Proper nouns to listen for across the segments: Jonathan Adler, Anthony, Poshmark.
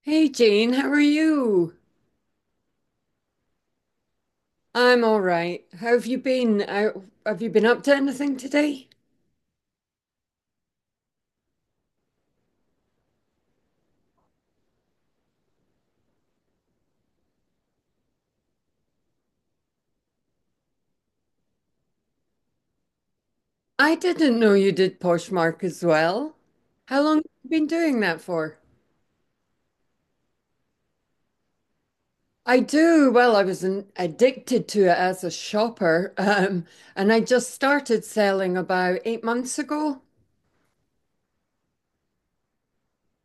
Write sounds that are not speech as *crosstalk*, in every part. Hey Jane, how are you? I'm all right. How have you been? Have you been up to anything today? I didn't know you did Poshmark as well. How long have you been doing that for? I do. Well, I was addicted to it as a shopper, *laughs* and I just started selling about 8 months ago.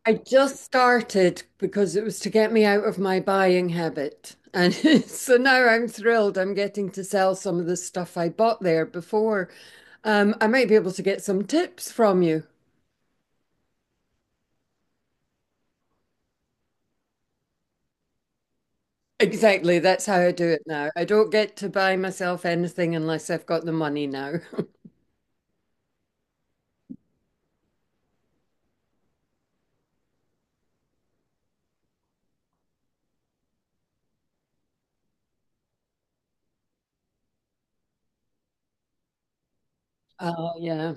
I just started because it was to get me out of my buying habit. And *laughs* so now I'm thrilled I'm getting to sell some of the stuff I bought there before. I might be able to get some tips from you. Exactly, that's how I do it now. I don't get to buy myself anything unless I've got the money now. *laughs* Oh, yeah.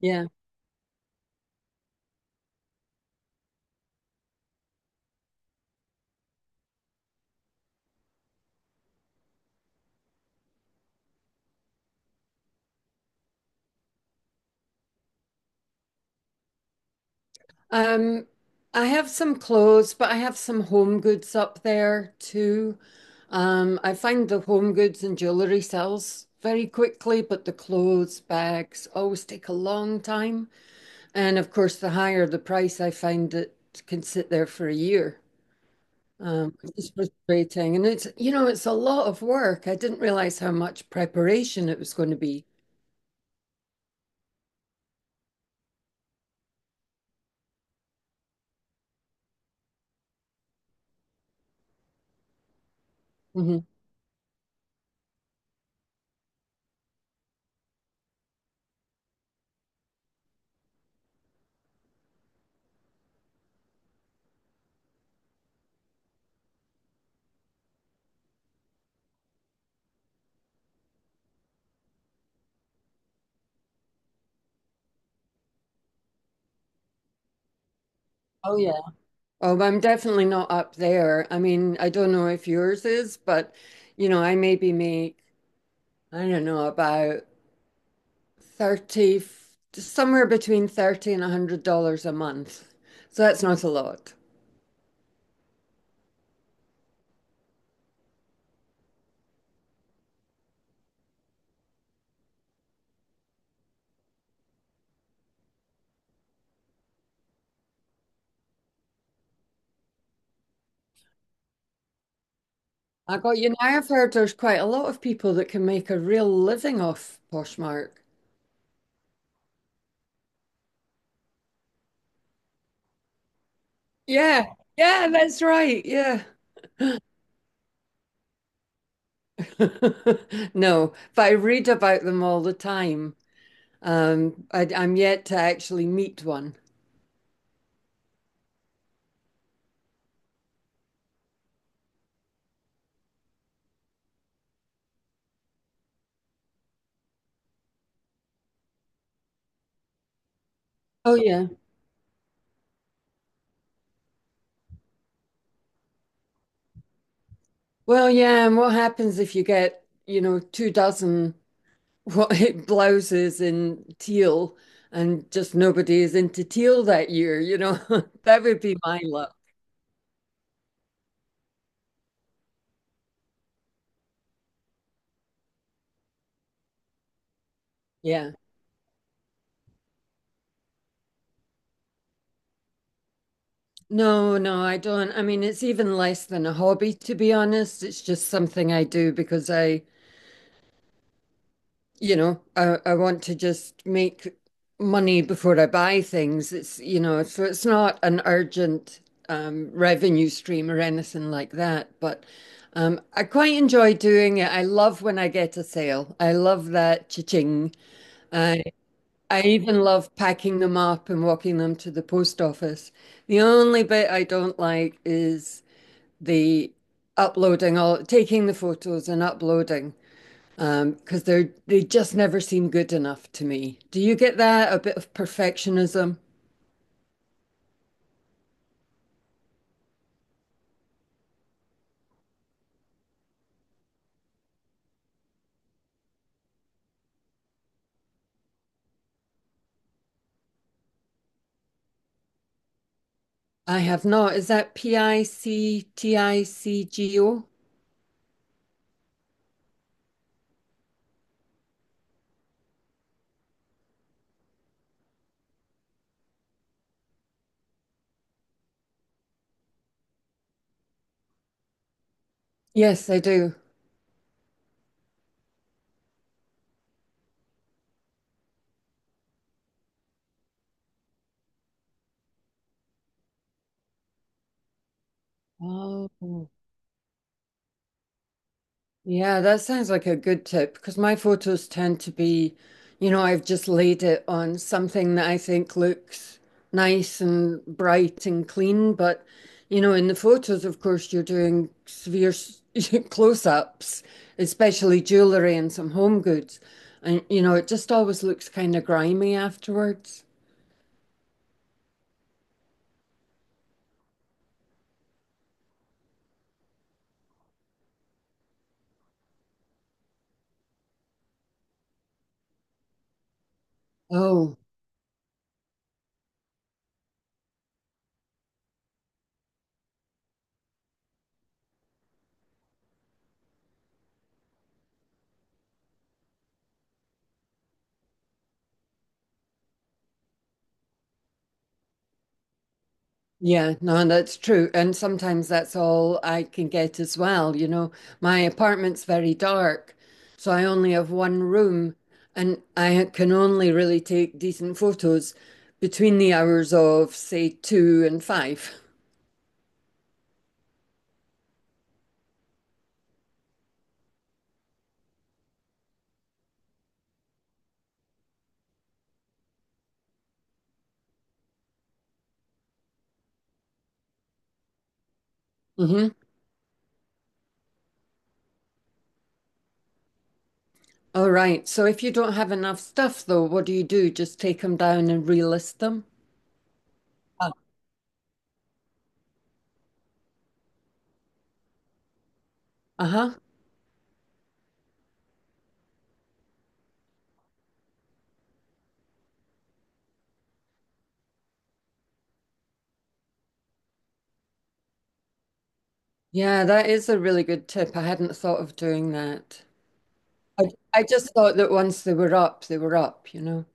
Yeah. Um, I have some clothes, but I have some home goods up there too. I find the home goods and jewelry sells very quickly, but the clothes, bags always take a long time. And of course, the higher the price, I find it can sit there for a year. It's frustrating. And it's a lot of work. I didn't realize how much preparation it was going to be. Mhm. Oh, yeah. Oh, I'm definitely not up there. I mean, I don't know if yours is, but I maybe make, I don't know, about 30, somewhere between 30 and $100 a month. So that's not a lot. I got you. Now I've heard there's quite a lot of people that can make a real living off Poshmark. Yeah, yeah, that's right. Yeah. *laughs* No, but I read about them all the time. I'm yet to actually meet one. Oh, yeah. Well, yeah, and what happens if you get two dozen white *laughs* blouses in teal and just nobody is into teal that year, you know? *laughs* That would be my luck. Yeah. No, no, I don't. I mean, it's even less than a hobby, to be honest. It's just something I do because I you know, I want to just make money before I buy things. So it's not an urgent revenue stream or anything like that. But I quite enjoy doing it. I love when I get a sale. I love that cha-ching. I I even love packing them up and walking them to the post office. The only bit I don't like is the uploading all taking the photos and uploading. Because they just never seem good enough to me. Do you get that? A bit of perfectionism? I have not. Is that PICTICGO? Yes, I do. Oh. Yeah, that sounds like a good tip because my photos tend to be, you know, I've just laid it on something that I think looks nice and bright and clean. But in the photos, of course, you're doing severe *laughs* close-ups, especially jewelry and some home goods. And it just always looks kind of grimy afterwards. Oh. Yeah, no, that's true. And sometimes that's all I can get as well. My apartment's very dark, so I only have one room and I can only really take decent photos between the hours of, say, two and five. Mm-hmm. All right. So if you don't have enough stuff, though, what do you do? Just take them down and relist them? Ah. Uh-huh. Yeah, that is a really good tip. I hadn't thought of doing that. I, I just thought that once they were up, you know?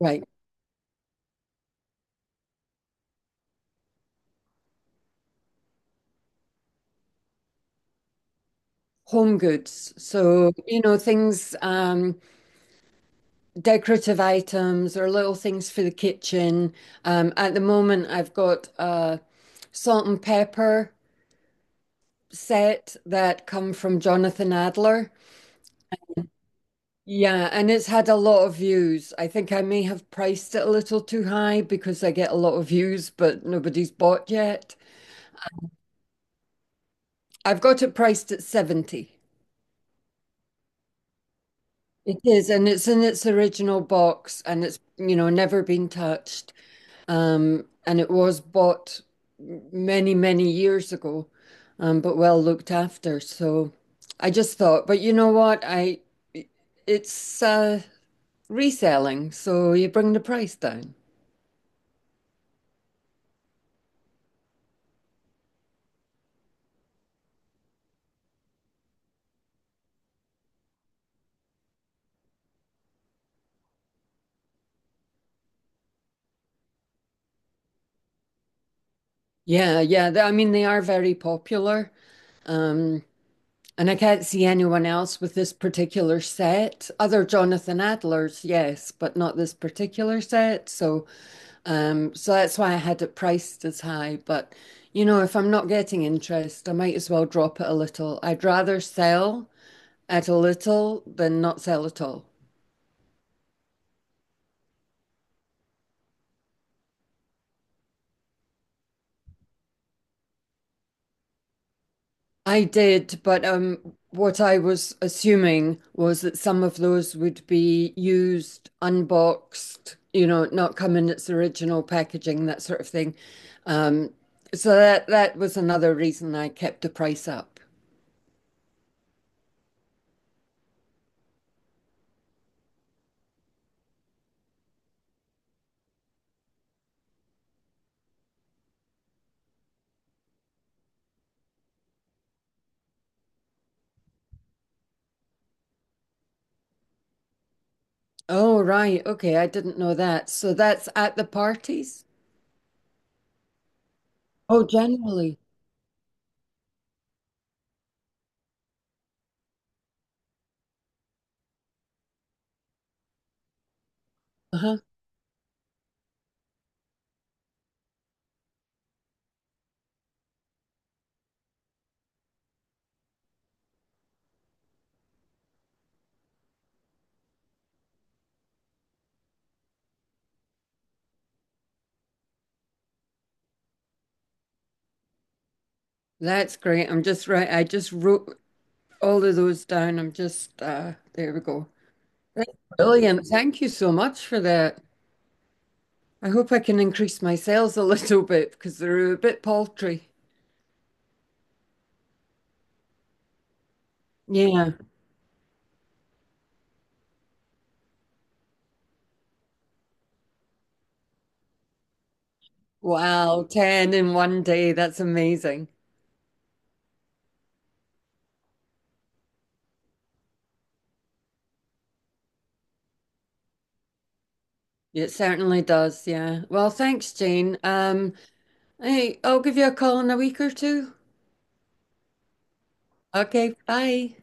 Right. Home goods. So things, decorative items or little things for the kitchen. At the moment, I've got a salt and pepper set that come from Jonathan Adler. Yeah, and it's had a lot of views. I think I may have priced it a little too high because I get a lot of views, but nobody's bought yet. I've got it priced at 70. It is, and it's in its original box and it's never been touched. And it was bought many, many years ago, but well looked after. So I just thought, but you know what? I it's reselling, so you bring the price down. Yeah, yeah. I mean, they are very popular. Um, and I can't see anyone else with this particular set, other Jonathan Adlers, yes, but not this particular set. So that's why I had it priced as high. But if I'm not getting interest, I might as well drop it a little. I'd rather sell at a little than not sell at all. I did, but what I was assuming was that some of those would be used, unboxed, you know, not come in its original packaging, that sort of thing. Um, so that was another reason I kept the price up. Oh, right. Okay, I didn't know that. So that's at the parties? Oh, generally. Uh-huh. That's great. I'm just right. I just wrote all of those down. I'm just there we go. That's brilliant. Thank you so much for that. I hope I can increase my sales a *laughs* little bit because they're a bit paltry. Yeah. Wow, 10 in one day. That's amazing. It certainly does. Yeah. Well, thanks, Jane. Hey, I'll give you a call in a week or two. Okay, bye.